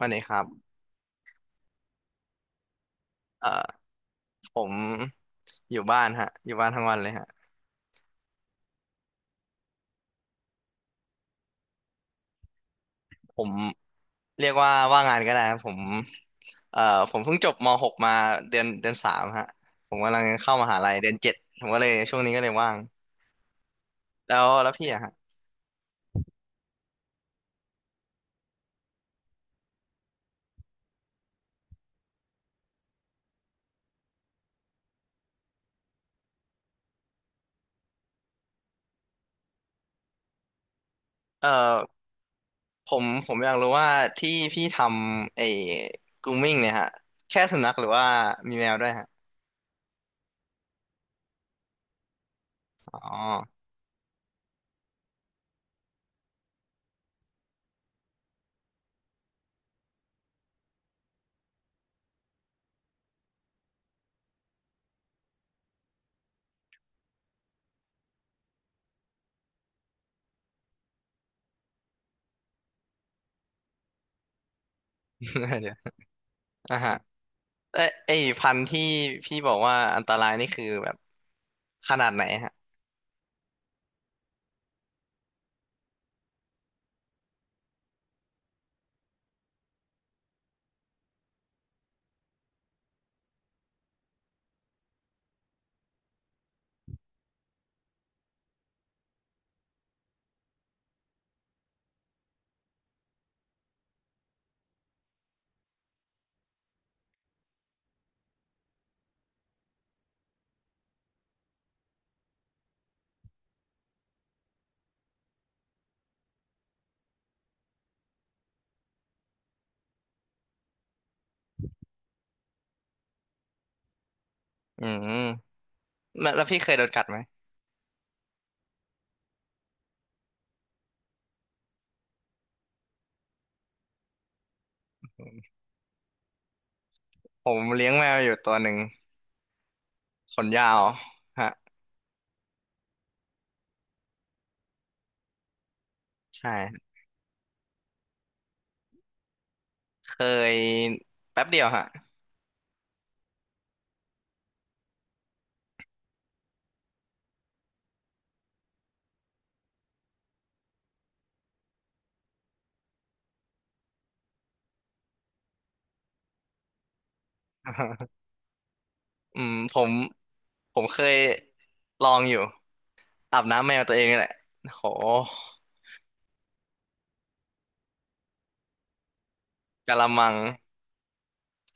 วันนี้ครับเอ่อผมอยู่บ้านฮะอยู่บ้านทั้งวันเลยฮะผมเรียกว่าว่างงานก็ได้ครับผมเอ่อผมเพิ่งจบม .6 มาเดือนสามฮะผมกำลังเข้ามหาลัยเดือนเจ็ดผมก็เลยช่วงนี้ก็เลยว่างแล้วพี่อะฮะเอ่อผมอยากรู้ว่าที่พี่ทำไอ้ grooming เนี่ยฮะแค่สุนัขหรือว่ามีแมวด้วยฮะอ๋อ เดี๋ยวอ่ะฮะเอ้ยไอ้พันธุ์ที่พี่บอกว่าอันตรายนี่คือแบบขนาดไหนฮะอืม แล้วพี่เคยโดนกัดไหม ผมเลี้ยงแมวอยู่ตัวหนึ่งขนยาวฮะใช่เคยแป๊บเดียวฮะ อืมผมเคยลองอยู่อาบน้ำแมวตัวเองนี่แหละโหกะละมัง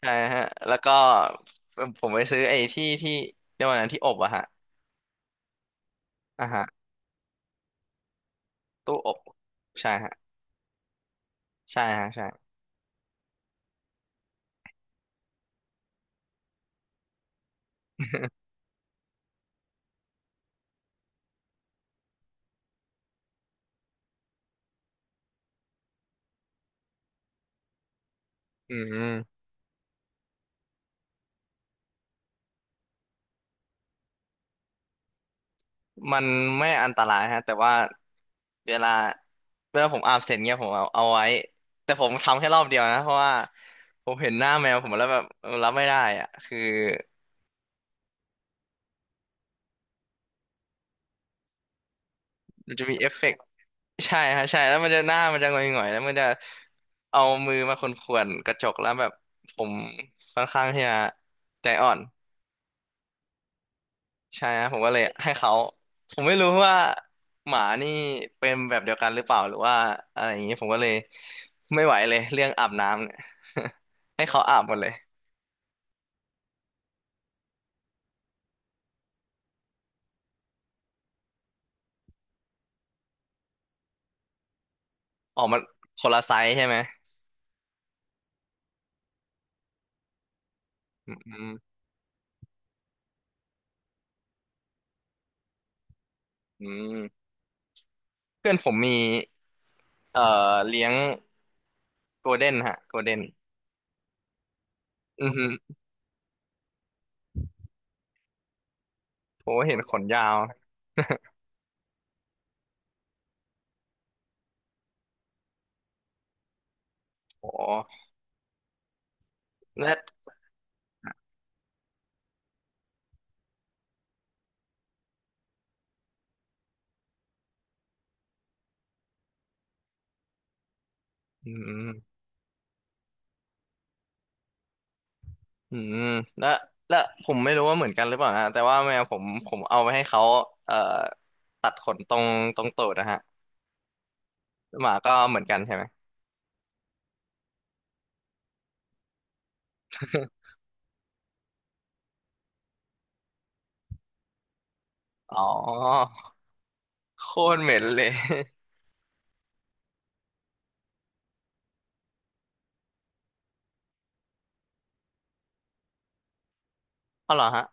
ใช่ฮะแล้วก็ผมไปซื้อไอ้ที่เรียกว่าอะไรนะที่อบอะฮะอ่ะฮะตู้อบใช่ฮะใช่ฮะใช่ อืม มันไม่อันตรายฮะแต่ว่าเวลาเวลาผมอาบเสร็จเงี้ยผมเอาไว้แต่ผมทำแค่รอบเดียวนะเพราะว่าผมเห็นหน้าแมวผมแล้วแบบเออรับไม่ได้อ่ะคือมันจะมีเอฟเฟกต์ใช่ฮะใช่แล้วมันจะหน้ามันจะหงอยๆแล้วมันจะเอามือมาข่วนๆกระจกแล้วแบบผมค่อนข้างที่จะใจอ่อน ใช่นะผมก็เลยให้เขาผมไม่รู้ว่าหมานี่เป็นแบบเดียวกันหรือเปล่าหรือว่าอะไรอย่างนี้ผมก็เลยไม่ไหวเลยเรื่องอาบน้ำ เนี่ย ให้เขาอาบหมดเลยออกมาคนละไซส์ใช่ไหมอืมอืมเพื่อนผมมีเอ่อเลี้ยงโกลเด้นฮะโกลเด้นอือฮึผมก็เห็นขนยาวโอ้และอืมอืมและและผมไม่รู้ว่าเหมือนกันหรือเปล่านะแต่ว่าแมวผมผมเอาไปให้เขาเอ่อตัดขนตรงตูดนะฮะ หมาก็เหมือนกันใช่ไหม อ๋อโคตรเหม็นเลย เอาเหรอฮะ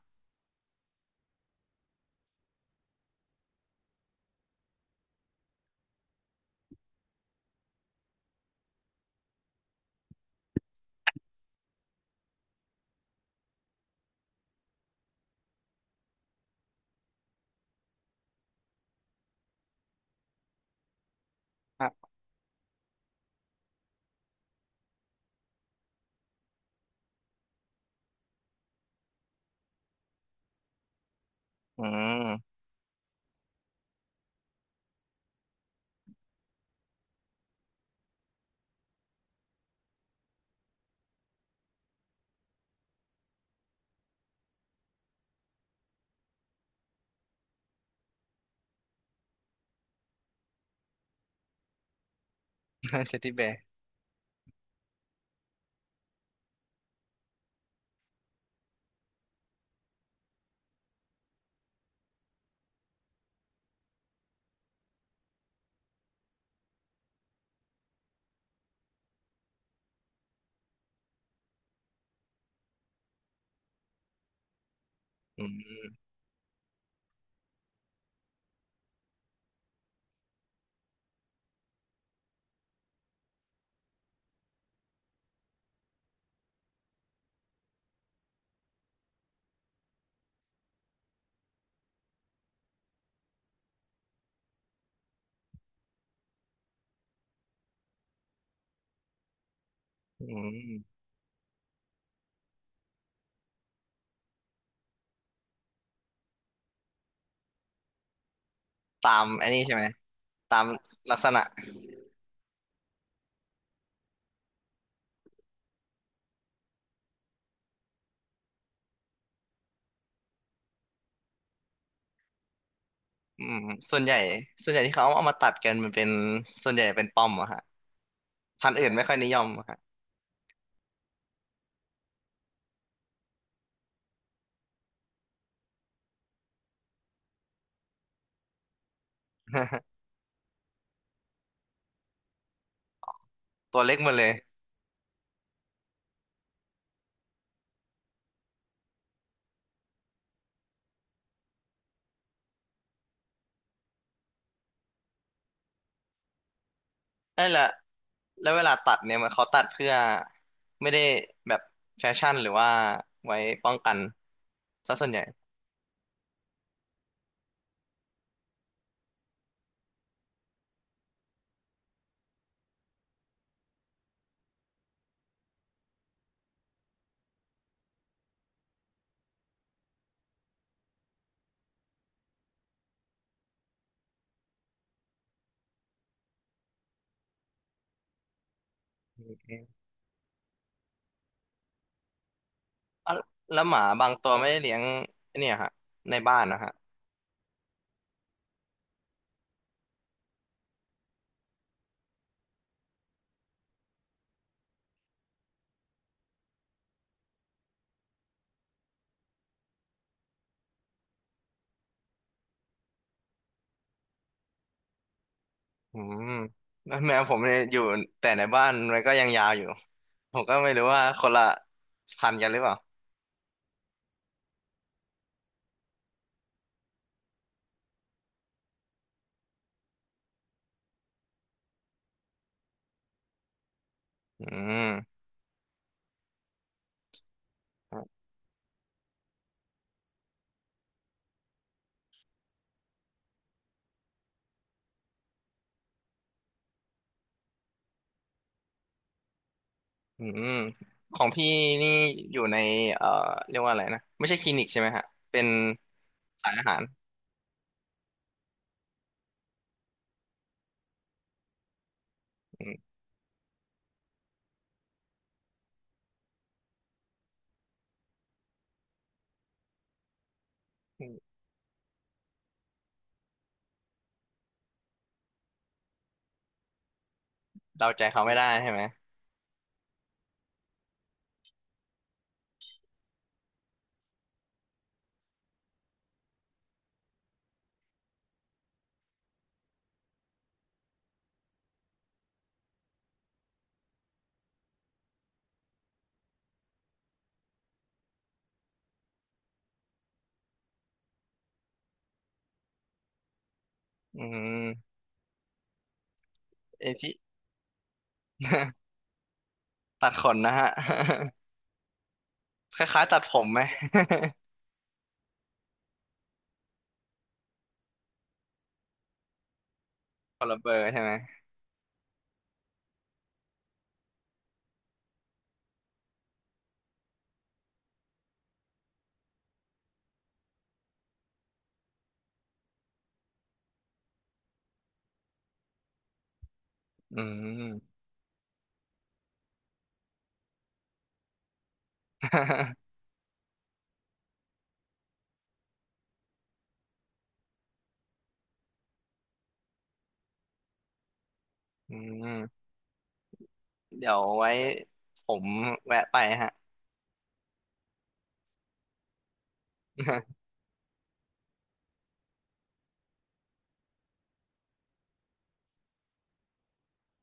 ฮะอืม เทดดี้แบร์อืมอืมตามอันนี้ใช่ไหมตามลักษณะอืมส่วนใหญ่ที่เขาเอามาตัดกันมันเป็นส่วนใหญ่เป็นปอมอะฮะพันธุ์อื่นไม่ค่อยนิยมอะฮะ ตัวเล็กหมดเลยเอ้ยและแล้วเวลาตัดเนี่ยมันเขาตัดเพื่อไม่ได้แบบแฟชั่นหรือว่าไว้ป้องกันซะส่วนใหญ่ อ่ะแล้วหมาบางตัวไม่ได้เลี้ยงไอ้เนี่ยฮะในบ้านนะฮะอืมแล้วแมวผมเนี่ยอยู่แต่ในบ้านมันก็ยังยาวอยู่ผมก็ไม่รู้ว่าคนละพันธุ์กันหรือเปล่าอืมอืมของพี่นี่อยู่ในเอ่อเรียกว่าอะไรนะไม่ใช่คลินิกใช่ไหมฮะเป็นขายอาหารอืมเดาใจเขาไม่ได้ใช่ไหมอืมไอ้ที่ ตัดขนนะฮะ คล้ายๆตัดผมไหม คนละเบอร์ใช่ไหมอืม อืมเดี๋ยวไว้ผมแวะไปฮะ